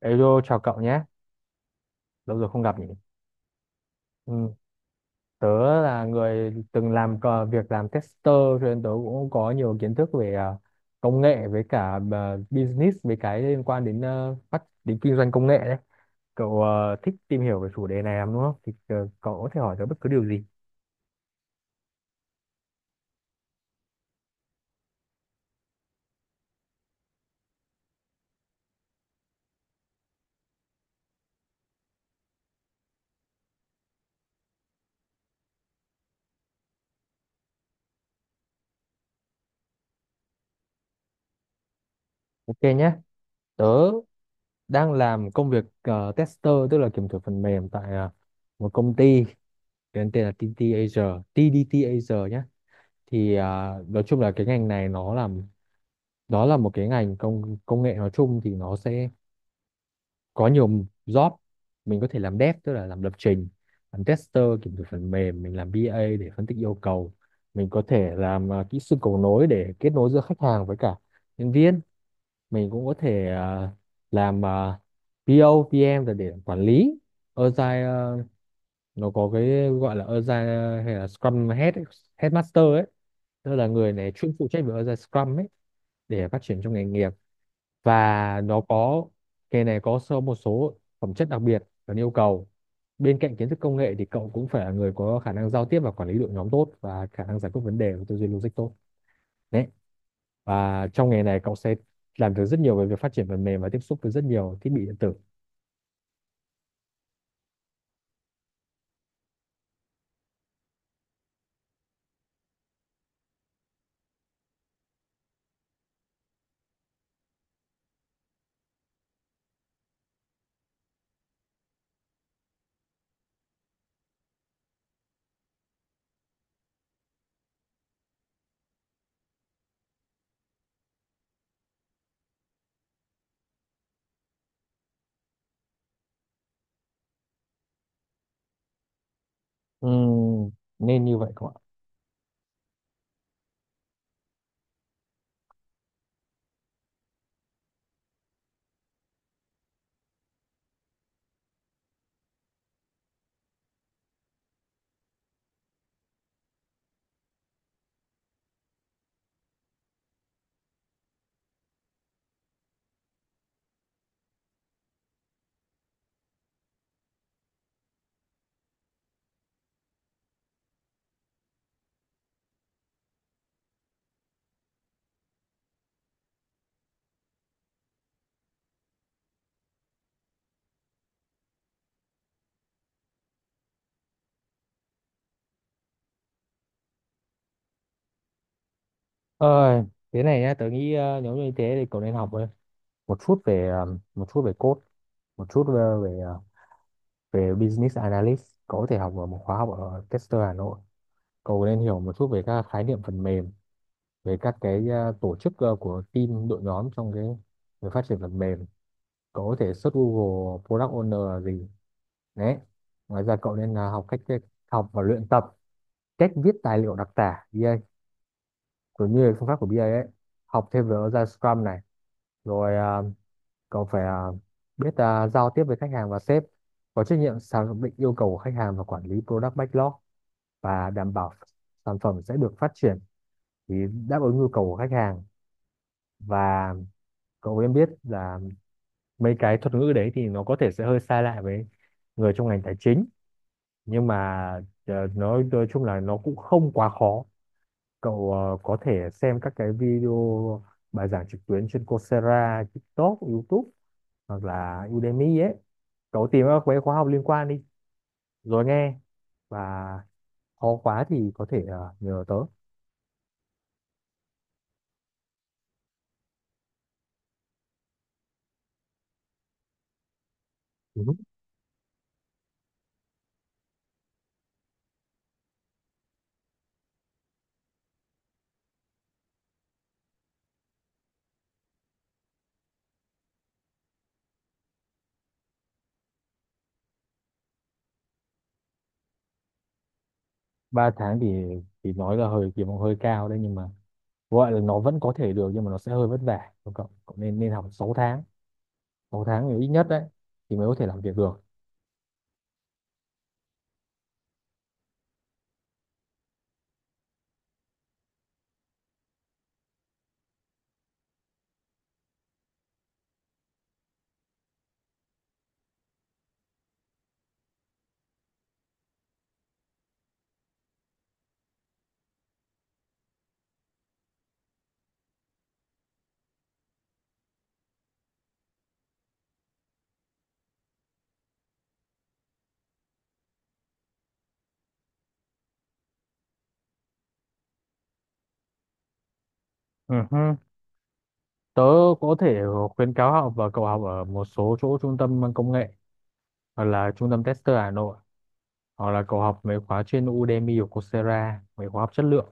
Hello, chào cậu nhé. Lâu rồi không gặp nhỉ. Ừ. Tớ là người từng làm việc làm tester, cho nên tớ cũng có nhiều kiến thức về công nghệ, với cả business, với cái liên quan đến ờ, phát đến kinh doanh công nghệ đấy. Cậu thích tìm hiểu về chủ đề này lắm đúng không? Thì cậu có thể hỏi tớ bất cứ điều gì. Ok nhé. Tớ đang làm công việc tester, tức là kiểm thử phần mềm tại một công ty tên tên là TT Asia, TDT Asia nhé. Thì nói chung là cái ngành này nó là, đó là một cái ngành công công nghệ, nói chung thì nó sẽ có nhiều job. Mình có thể làm dev tức là làm lập trình, làm tester kiểm thử phần mềm, mình làm BA để phân tích yêu cầu, mình có thể làm kỹ sư cầu nối để kết nối giữa khách hàng với cả nhân viên, mình cũng có thể làm PO, PM là để quản lý Agile, nó có cái gọi là Agile hay là Scrum Head ấy, Headmaster ấy, tức là người này chuyên phụ trách về Agile Scrum ấy để phát triển trong nghề nghiệp. Và nó có, nghề này có sơ một số phẩm chất đặc biệt cần yêu cầu. Bên cạnh kiến thức công nghệ thì cậu cũng phải là người có khả năng giao tiếp và quản lý đội nhóm tốt, và khả năng giải quyết vấn đề và tư duy logic tốt đấy. Và trong nghề này cậu sẽ làm được rất nhiều về việc phát triển phần mềm và tiếp xúc với rất nhiều thiết bị điện tử. Ừ, nên như vậy cậu ạ. Ơi, thế này nhá, tớ nghĩ nếu như thế thì cậu nên học thôi. Một chút về một chút về code, một chút về về, ờ, về business analyst. Cậu có thể học ở một khóa học ở Tester Hà Nội. Cậu nên hiểu một chút về các khái niệm phần mềm, về các cái tổ chức của team đội nhóm trong cái việc phát triển phần mềm. Cậu có thể search Google Product Owner là gì đấy. Ngoài ra cậu nên học cách, học và luyện tập cách viết tài liệu đặc tả BA cũng như phương pháp của BA ấy, học thêm về agile Scrum này, rồi cậu phải biết giao tiếp với khách hàng và sếp, có trách nhiệm xác định yêu cầu của khách hàng và quản lý product backlog và đảm bảo sản phẩm sẽ được phát triển thì đáp ứng nhu cầu của khách hàng. Và cậu em biết là mấy cái thuật ngữ đấy thì nó có thể sẽ hơi sai lại với người trong ngành tài chính, nhưng mà nói chung là nó cũng không quá khó. Cậu có thể xem các cái video bài giảng trực tuyến trên Coursera, TikTok, YouTube hoặc là Udemy ấy. Cậu tìm các cái khóa học liên quan đi, rồi nghe, và khó quá thì có thể nhờ tớ. Ừ. 3 tháng thì nói là hơi kỳ vọng hơi cao đấy, nhưng mà gọi là nó vẫn có thể được, nhưng mà nó sẽ hơi vất vả của cậu. Cậu nên nên học 6 tháng, 6 tháng thì ít nhất đấy, thì mới có thể làm việc được. Ừ hứ. Tớ có thể khuyến cáo học, và cậu học ở một số chỗ trung tâm công nghệ, hoặc là trung tâm tester Hà Nội, hoặc là cậu học mấy khóa trên Udemy hoặc Coursera, mấy khóa học chất lượng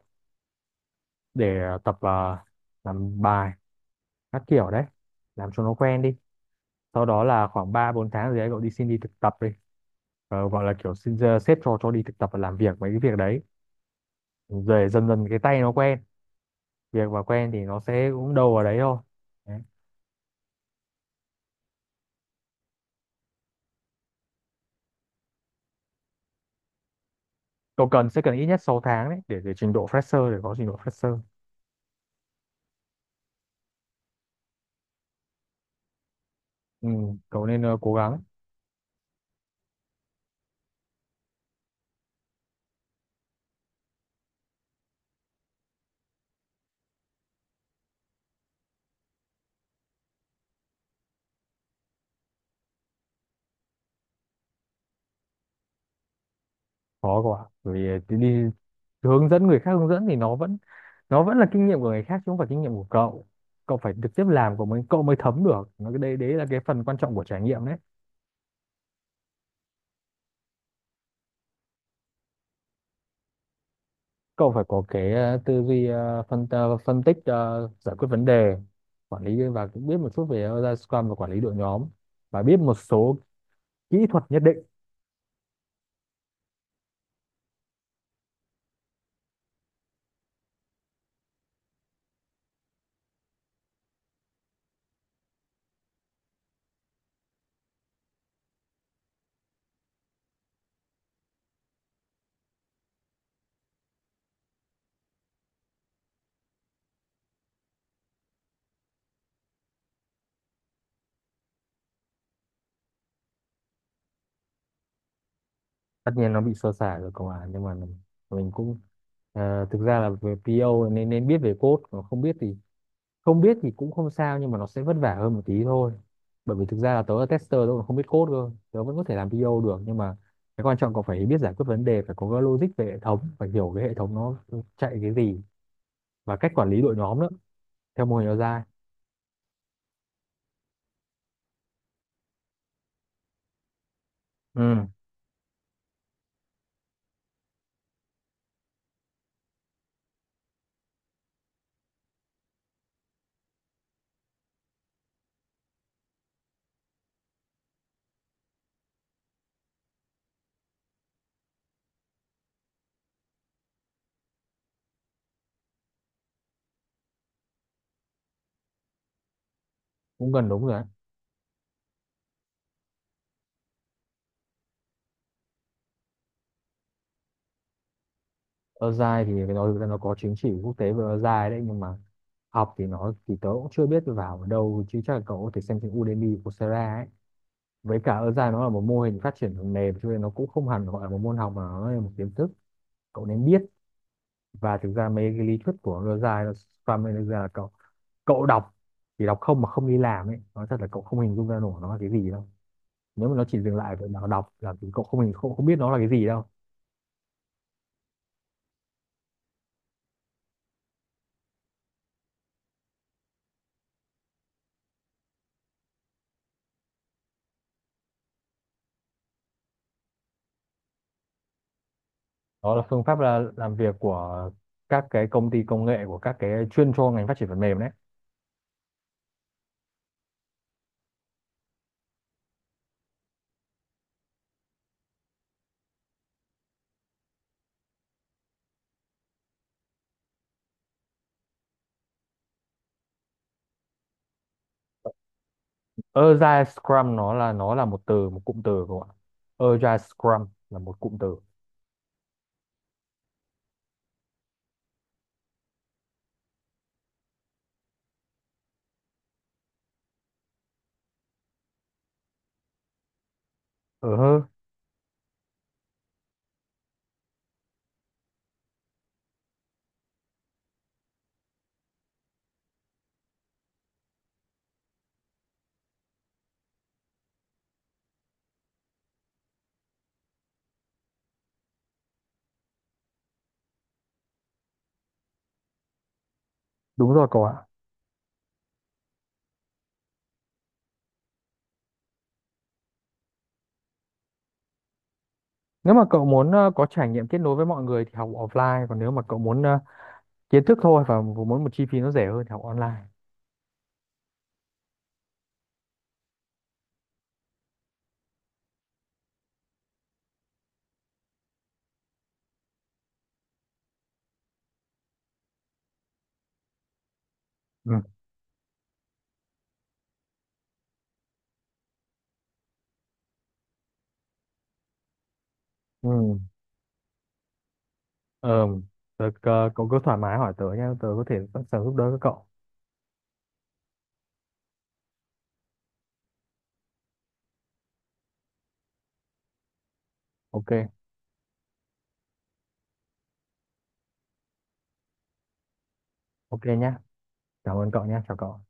để tập làm bài các kiểu đấy, làm cho nó quen đi. Sau đó là khoảng 3 4 tháng gì đấy cậu đi xin đi thực tập đi. Ờ, gọi là kiểu xin sếp cho đi thực tập và làm việc mấy cái việc đấy, rồi dần dần cái tay nó quen việc và quen thì nó sẽ cũng đâu vào đấy thôi đấy. Cậu cần, sẽ cần ít nhất 6 tháng đấy để trình độ fresher, để có trình độ fresher. Ừ, cậu nên cố gắng. Khó quá. Bởi vì đi hướng dẫn người khác, hướng dẫn thì nó vẫn, nó vẫn là kinh nghiệm của người khác chứ không phải kinh nghiệm của cậu. Cậu phải trực tiếp làm của mình cậu mới thấm được nó, cái đấy đấy là cái phần quan trọng của trải nghiệm đấy. Cậu phải có cái tư duy phân tích, giải quyết vấn đề, quản lý, và cũng biết một chút về ra Scrum và quản lý đội nhóm, và biết một số kỹ thuật nhất định. Tất nhiên nó bị sơ sài rồi cậu à, nhưng mà mình cũng thực ra là về PO nên nên biết về code, còn không biết thì, không biết thì cũng không sao, nhưng mà nó sẽ vất vả hơn một tí thôi. Bởi vì thực ra là tớ là tester, tớ còn không biết code cơ, tớ vẫn có thể làm PO được. Nhưng mà cái quan trọng còn phải biết giải quyết vấn đề, phải có cái logic về hệ thống, phải hiểu cái hệ thống nó chạy cái gì, và cách quản lý đội nhóm nữa, theo mô hình agile. Ừ, cũng gần đúng rồi đấy. Ozai thì phải nói, thực ra nó có chứng chỉ quốc tế về Ozai đấy, nhưng mà học thì nó thì tớ cũng chưa biết vào ở đâu, chứ chắc là cậu có thể xem trên Udemy, Coursera ấy. Với cả Ozai nó là một mô hình phát triển phần mềm, cho nên nó cũng không hẳn gọi là một môn học, mà nó là một kiến thức cậu nên biết. Và thực ra mấy cái lý thuyết của Ozai là Scrum ấy, thực ra là cậu, cậu đọc, chỉ đọc không mà không đi làm ấy, nói thật là cậu không hình dung ra nổi nó là cái gì đâu. Nếu mà nó chỉ dừng lại ở việc nào đọc là thì cậu không hình không, không biết nó là cái gì đâu. Đó là phương pháp là làm việc của các cái công ty công nghệ, của các cái chuyên cho ngành phát triển phần mềm đấy. Agile Scrum nó là, nó là một từ, một cụm từ cậu ạ. Agile Scrum là một cụm từ. Ờ hơ. Đúng rồi cậu ạ. Nếu mà cậu muốn có trải nghiệm kết nối với mọi người thì học offline, còn nếu mà cậu muốn kiến thức thôi và muốn một chi phí nó rẻ hơn thì học online. Ừ. Ừ. Ờ, tớ, cậu cứ thoải mái hỏi tớ nhé, tớ có thể sẵn sàng giúp đỡ các cậu. Ok. Ok nhá, cảm ơn cậu nhé, chào cậu.